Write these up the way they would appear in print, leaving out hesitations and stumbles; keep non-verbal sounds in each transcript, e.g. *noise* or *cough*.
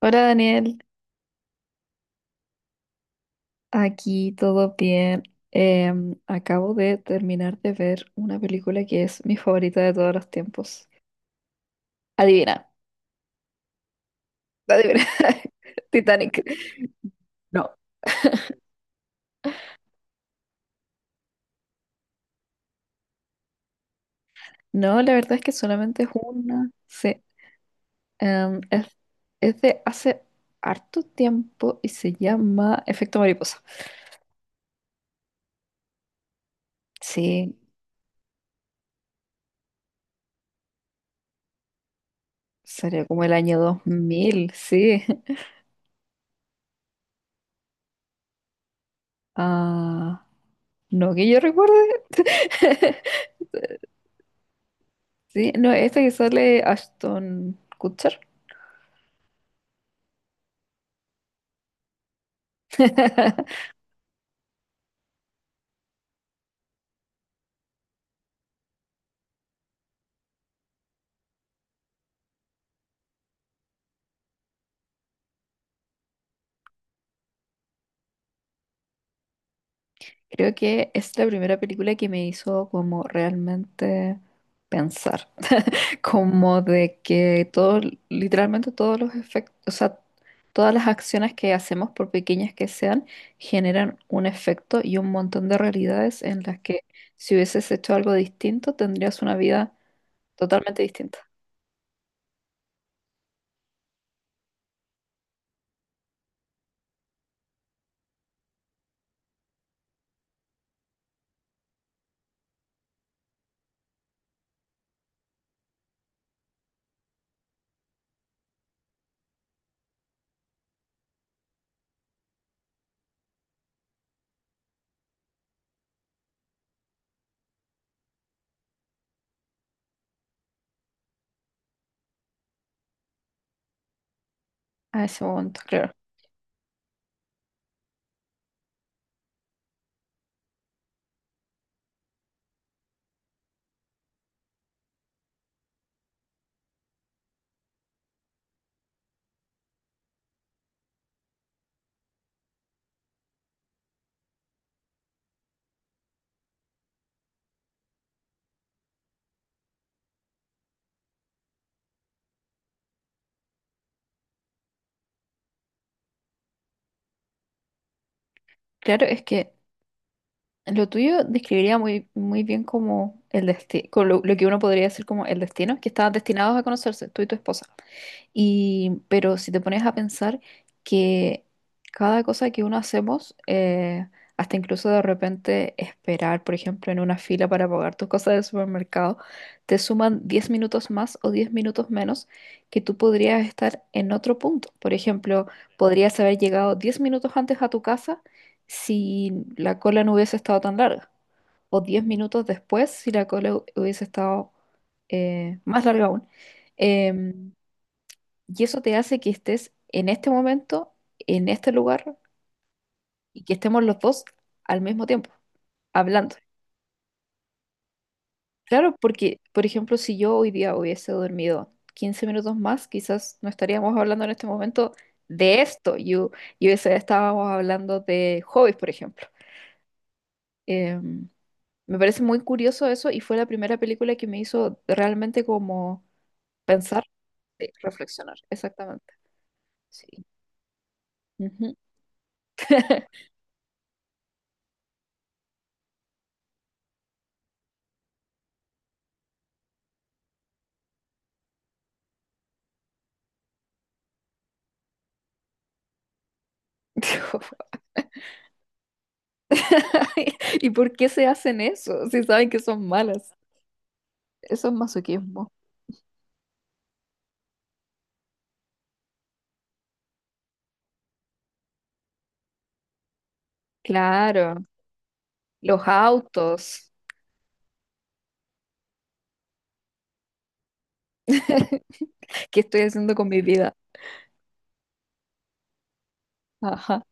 Hola Daniel, aquí todo bien. Acabo de terminar de ver una película que es mi favorita de todos los tiempos. Adivina, adivina. *laughs* Titanic. No. No, la verdad es que solamente es una. Sí. Em, es, es de hace harto tiempo y se llama Efecto Mariposa. Sí, salió como el año 2000, sí. *laughs* Ah, no que yo recuerde. Sí, no, esta que sale Ashton Kutcher. *laughs* Creo que es la primera película que me hizo como realmente pensar, *laughs* como de que todo, literalmente todos los efectos, o sea, todas las acciones que hacemos, por pequeñas que sean, generan un efecto y un montón de realidades en las que si hubieses hecho algo distinto, tendrías una vida totalmente distinta a ese momento, claro. Claro, es que lo tuyo describiría muy bien como el destino, lo que uno podría decir como el destino, que estaban destinados a conocerse, tú y tu esposa. Y, pero si te pones a pensar que cada cosa que uno hacemos, hasta incluso de repente esperar, por ejemplo, en una fila para pagar tus cosas del supermercado, te suman 10 minutos más o 10 minutos menos que tú podrías estar en otro punto. Por ejemplo, podrías haber llegado 10 minutos antes a tu casa si la cola no hubiese estado tan larga, o 10 minutos después si la cola hubiese estado más larga aún. Em, y eso te hace que estés en este momento, en este lugar, y que estemos los dos al mismo tiempo, hablando. Claro, porque, por ejemplo, si yo hoy día hubiese dormido 15 minutos más, quizás no estaríamos hablando en este momento de esto. Yo, estábamos hablando de hobbies, por ejemplo. Em, Me parece muy curioso eso y fue la primera película que me hizo realmente como pensar, reflexionar. Exactamente. Sí. Ujú. *laughs* *laughs* ¿Y por qué se hacen eso si saben que son malas? Eso es masoquismo. Claro, los autos. ¿Qué estoy haciendo con mi vida? Ajá.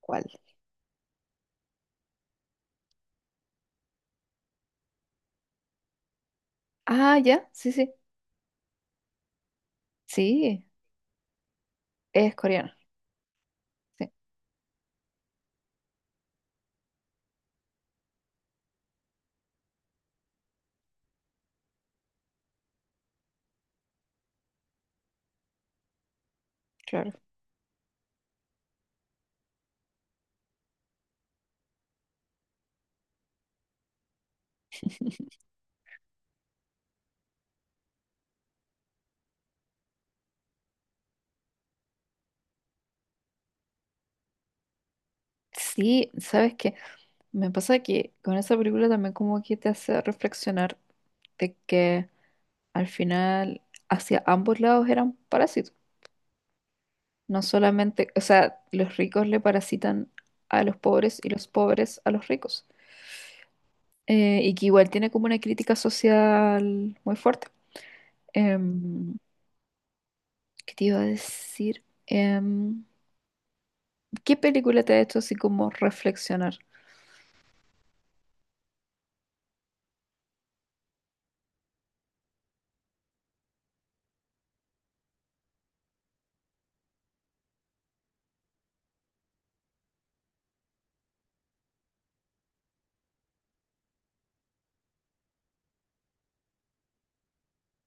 ¿Cuál? Ah, ya, sí, sí. Sí, es coreana. Sí, claro. Sí, ¿sabes qué? Me pasa que con esa película también como que te hace reflexionar de que al final hacia ambos lados eran parásitos. No solamente, o sea, los ricos le parasitan a los pobres y los pobres a los ricos. Eh, y que igual tiene como una crítica social muy fuerte. Em, ¿Qué te iba a decir? ¿Qué película te ha hecho así como reflexionar?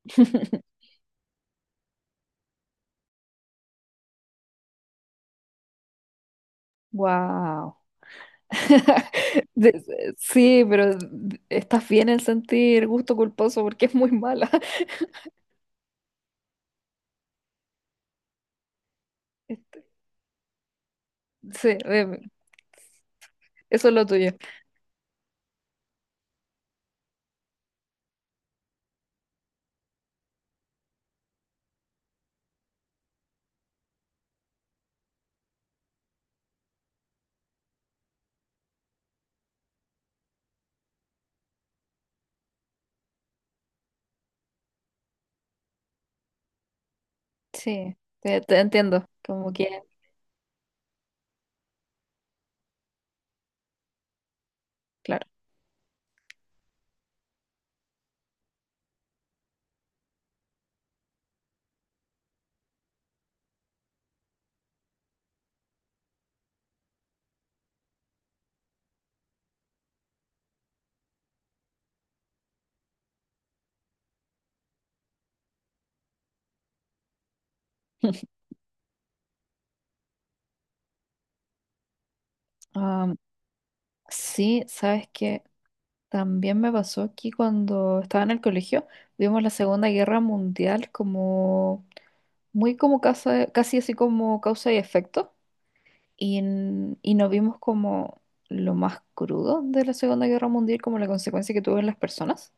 *laughs* Wow. *laughs* Sí, pero estás bien en sentir gusto culposo porque es muy mala. *laughs* Este, sí, eso es lo tuyo. Sí, te entiendo. Como que, claro. *laughs* Am, sí, sabes que también me pasó aquí cuando estaba en el colegio vimos la Segunda Guerra Mundial como muy como casi así como causa y efecto y, y nos vimos como lo más crudo de la Segunda Guerra Mundial como la consecuencia que tuvo en las personas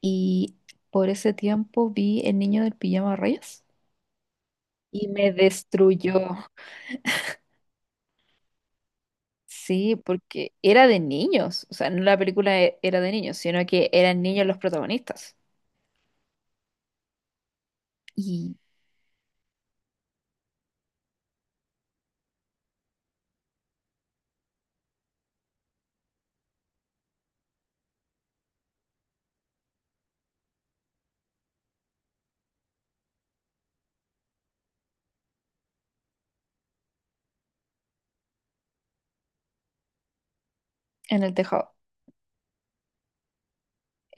y por ese tiempo vi El niño del pijama rayas y me destruyó. Sí, porque era de niños, o sea, no la película era de niños, sino que eran niños los protagonistas y en el tejado.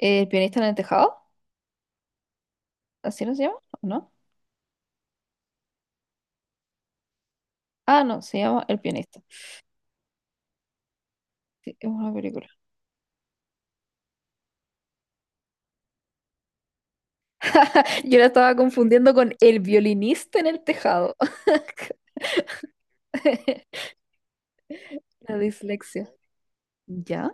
El pianista en el tejado, ¿así no se llama? ¿O no? Ah, no, se llama El pianista. Sí, es una película. *laughs* Yo la estaba confundiendo con El violinista en el tejado. *laughs* La dislexia. ¿Ya?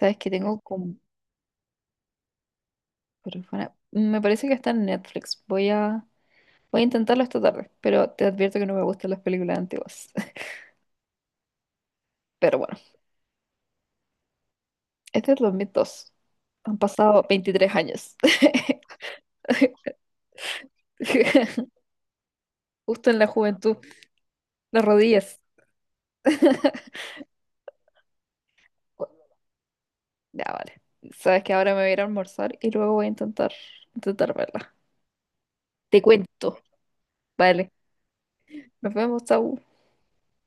Sabes que tengo como... Me parece que está en Netflix. Voy a... Voy a intentarlo esta tarde, pero te advierto que no me gustan las películas antiguas. *laughs* Pero bueno, este es 2002. Han pasado 23 años. *laughs* Justo en la juventud, las rodillas. *laughs* Ya, vale. Sabes que ahora me voy a ir a almorzar y luego voy a intentar verla. Te cuento. Vale. Nos vemos, chau.